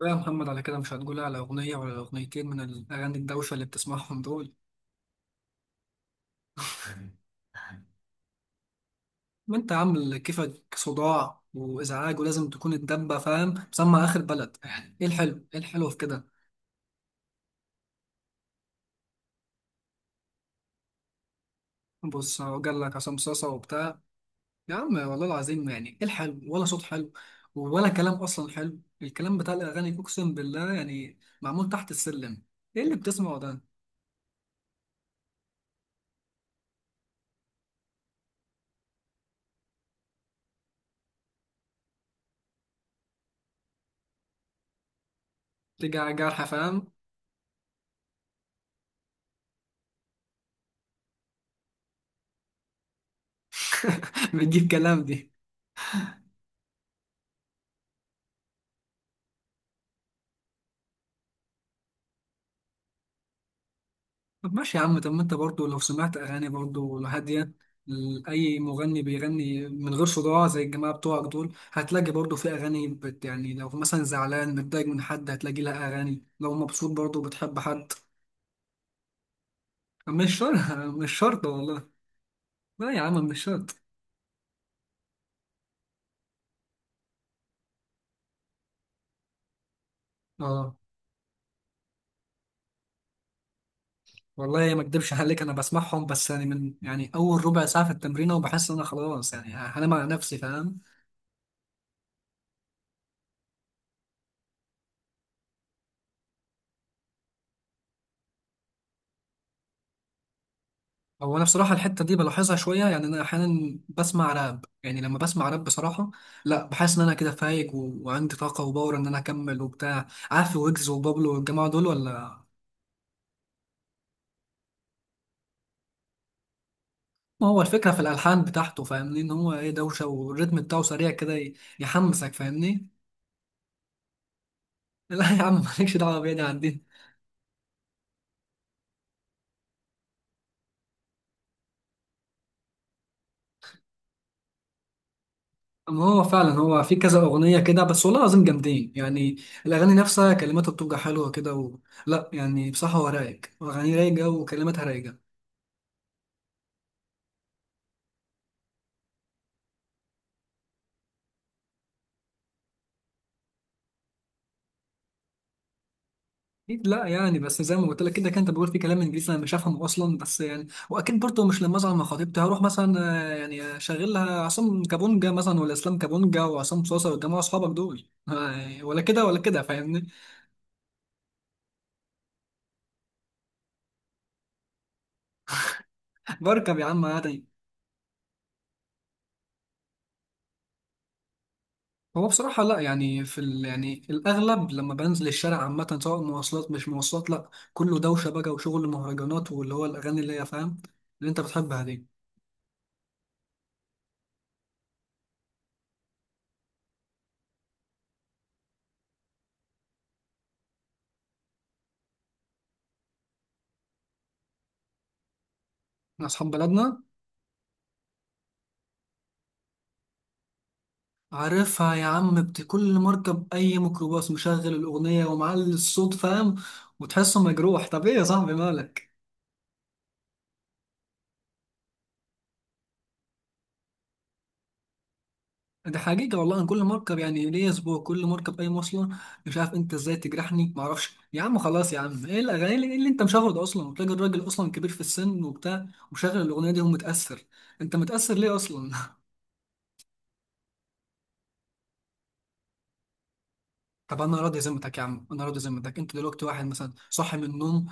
لا يا محمد، على كده مش هتقول على أغنية ولا أغنيتين من الأغاني الدوشة اللي بتسمعهم دول؟ ما أنت عامل كيفك صداع وإزعاج، ولازم تكون الدبة فاهم مسمع آخر بلد. إيه الحلو؟ إيه الحلو في كده؟ بص، هو جال لك عصام صاصة وبتاع. يا عم والله العظيم، يعني إيه الحلو؟ ولا صوت حلو ولا كلام أصلا حلو. الكلام بتاع الأغاني أقسم بالله يعني معمول تحت السلم. إيه اللي بتسمعه ده؟ تيجي على جرح فاهم. بتجيب كلام. طب ماشي يا عم، طب ما انت برضو لو سمعت اغاني برضو هاديه. اي مغني بيغني من غير صداع زي الجماعه بتوعك دول هتلاقي برضو في اغاني بت، يعني لو مثلا زعلان متضايق من حد هتلاقي لها اغاني، لو مبسوط برضو بتحب حد. مش شرط. مش شرط والله. لا يا عم، مش شرط. اه والله ما اكدبش عليك، انا بسمعهم بس يعني من، يعني اول ربع ساعه في التمرين، وبحس ان انا خلاص يعني هنام على نفسي فاهم. هو انا بصراحه الحته دي بلاحظها شويه يعني. انا احيانا بسمع راب، يعني لما بسمع راب بصراحه لا، بحس ان انا كده فايق وعندي طاقه وباور ان انا اكمل وبتاع. عارف ويجز وبابلو والجماعه دول ولا؟ ما هو الفكره في الالحان بتاعته فاهمني، ان هو ايه دوشه، والريتم بتاعه سريع كده يحمسك فاهمني. لا يا عم، مالكش دعوه بيا، دي عندنا. اما هو فعلا هو في كذا اغنيه كده بس، والله العظيم جامدين يعني. الاغاني نفسها كلماتها بتبقى حلوه كده لا يعني بصراحه هو رايق، اغاني رايقه وكلماتها رايقه. اكيد لا يعني، بس زي ما قلت لك كده، كان انت بقول في كلام انجليزي انا مش هفهمه اصلا، بس يعني واكيد برضه مش لما اصعد مع خطيبتي هروح مثلا يعني شغل لها عصام كابونجا مثلا ولا اسلام كابونجا وعصام صوصه والجماعه اصحابك دول، ولا كده ولا كده فاهمني. بركب يا عم عادي. هو بصراحة لا، يعني يعني الأغلب لما بنزل الشارع عامة، سواء مواصلات مش مواصلات، لا كله دوشة بقى، وشغل مهرجانات، واللي هو الأغاني اللي هي فاهم، اللي أنت بتحبها دي. أصحاب بلدنا. عارفها يا عم. كل مركب اي ميكروباص مشغل الاغنيه ومعلي الصوت فاهم، وتحسه مجروح. طب ايه يا صاحبي مالك؟ ده حقيقه والله، انا كل مركب يعني ليا اسبوع كل مركب اي مواصله، مش عارف انت ازاي تجرحني. معرفش يا عم، خلاص يا عم. ايه الاغاني اللي انت مشغله ده اصلا؟ وتلاقي الراجل اصلا كبير في السن وبتاع ومشغل الاغنيه دي ومتاثر. انت متاثر ليه اصلا؟ طب انا راضي ذمتك يا عم، انا راضي ذمتك، انت دلوقتي واحد مثلا صاحي من النوم،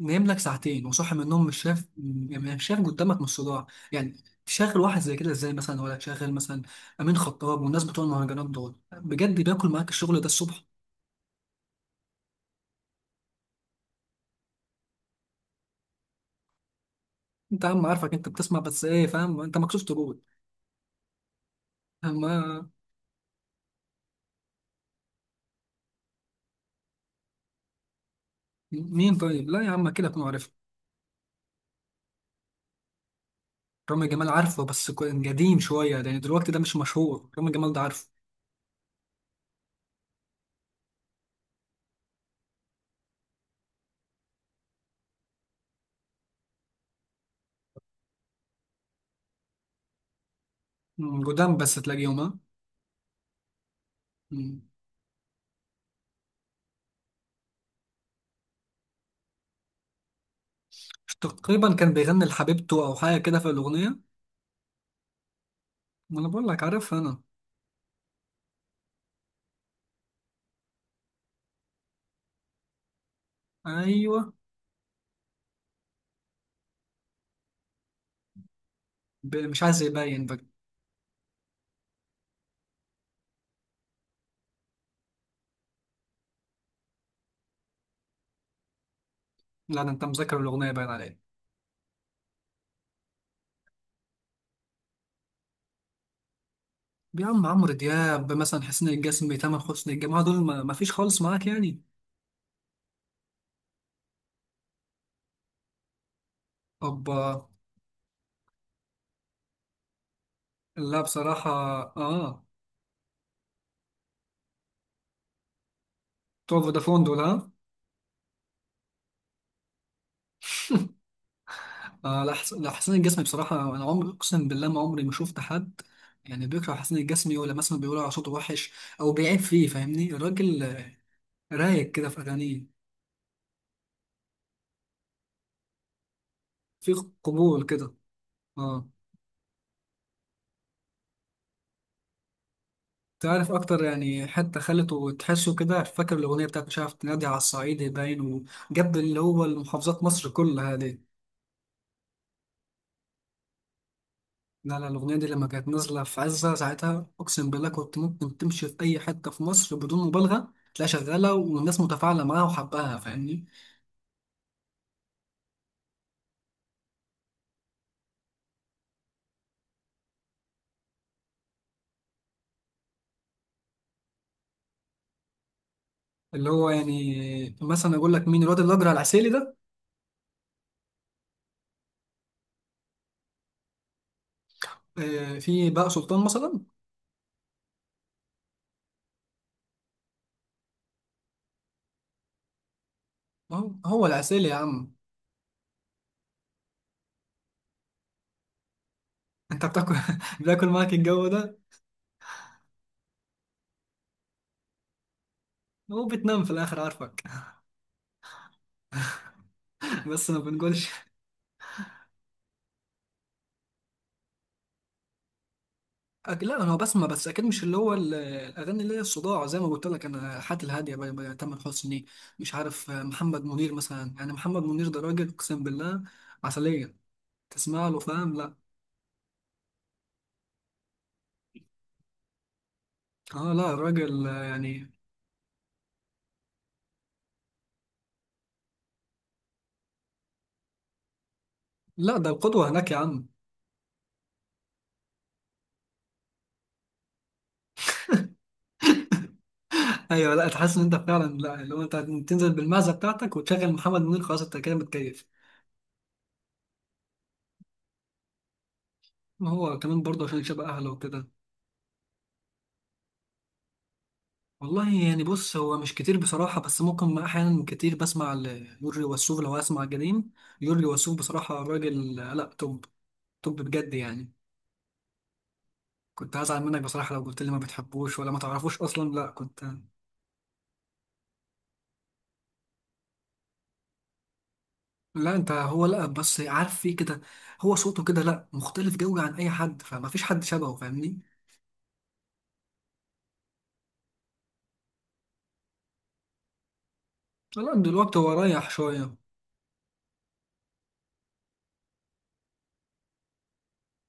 نايم لك ساعتين وصاحي من النوم، مش شايف مش شايف قدامك نص صداع، يعني تشغل واحد زي كده ازاي مثلا؟ ولا تشغل مثلا امين خطاب والناس بتوع المهرجانات دول، بجد بياكل معاك الشغل ده الصبح. انت يا عم عارفك انت بتسمع بس ايه فاهم، انت مكسوف تقول. اما مين طيب؟ لا يا عم، كده اكون عارف. رامي جمال عارفه، بس كان قديم شويه، لان دلوقتي ده مش مشهور رامي جمال ده، عارفه. م، قدام بس تلاقيهم. ها. تقريبا كان بيغني لحبيبته او حاجه كده في الاغنيه. ما انا بقول لك عارفها انا. ايوه. مش عايز يبين بقى. لا ده انت مذاكر الاغنيه باين عليك. يا عم عمرو دياب مثلا، حسين الجسمي، تامر حسني، الجماعه دول ما فيش خالص معاك يعني؟ اوبا. لا بصراحه، اه. بتوع فودافون دول، ها؟ آه لا، حسين الجسمي بصراحه انا عمري، اقسم بالله ما عمري ما شفت حد يعني بيكره حسين الجسمي، ولا مثلا بيقول على صوته وحش او بيعيب فيه فاهمني. الراجل رايق كده في اغانيه، في قبول كده، اه. تعرف اكتر يعني، حتى خلته تحسه كده. فاكر الاغنيه بتاعت مش عارف، تنادي على الصعيد باين، وجاب اللي هو المحافظات مصر كلها دي. لا الاغنيه دي لما كانت نازله في عزه ساعتها، اقسم بالله كنت ممكن تمشي في اي حته في مصر بدون مبالغه تلاقيها شغاله والناس متفاعله معاها وحباها فاهمني. اللي هو يعني مثلا اقول لك مين، الواد الاجرع العسيلي ده. في بقى سلطان مثلا. هو العسيلي يا عم. انت بتاكل. بتاكل معاك الجو ده. هو بتنام في الاخر عارفك. بس ما بنقولش. لا انا بسمع، بس اكيد مش اللي هو الاغاني اللي هي الصداع، زي ما قلت لك انا حياتي الهاديه بقى. تامر حسني، مش عارف، محمد منير مثلا. يعني محمد منير ده راجل اقسم بالله عسليه، تسمع له فاهم لا. اه لا راجل، يعني. لا ده القدوه هناك يا عم. ايوه لا تحس ان انت فعلا، لا اللي هو انت تنزل بالمعزه بتاعتك وتشغل محمد منير، خلاص انت كده متكيف. ما هو كمان برضه عشان شبه اهله وكده. والله يعني بص هو مش كتير بصراحة، بس ممكن أحيانا كتير بسمع ليورجي وسوف، لو هسمع جديد يورجي وسوف. بصراحة راجل لا، توب توب بجد يعني. كنت هزعل منك بصراحة لو قلت لي ما بتحبوش ولا ما تعرفوش أصلا، لا كنت. لا أنت هو لا بس عارف فيه كده، هو صوته كده لا مختلف جوي عن أي حد، فما فيش حد شبهه فاهمني. لا دلوقتي هو رايح شوية.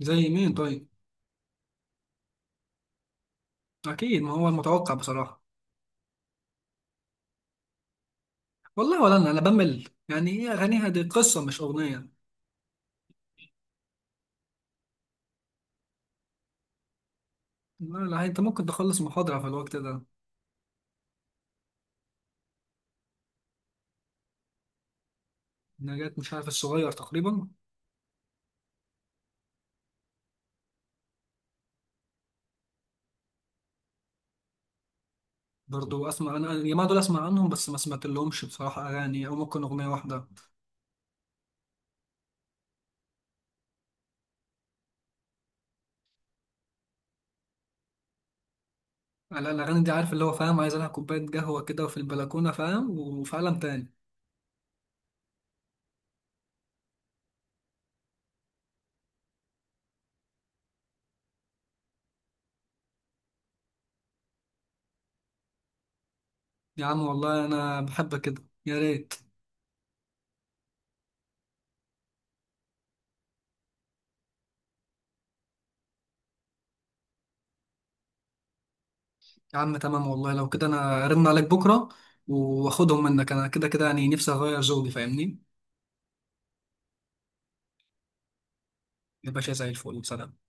زي مين طيب؟ أكيد ما هو المتوقع بصراحة. والله ولا أنا، أنا بمل يعني، هي أغانيها دي قصة مش أغنية. لا انت ممكن تخلص محاضرة في الوقت ده. نجاة مش عارف، الصغير تقريبا. برضو اسمع انا الجماعة دول، اسمع عنهم بس ما سمعت لهمش بصراحة اغاني، او ممكن اغنية واحدة. لا، الاغاني دي عارف اللي هو فاهم عايز لها كوباية قهوة كده وفي البلكونة فاهم، وفي عالم تاني. يا عم والله انا بحبك كده، يا ريت. يا عم تمام والله، لو كده انا ارن عليك بكرة واخدهم منك، انا كده كده يعني نفسي اغير ذوقي فاهمني. يا باشا زي الفل، سلام.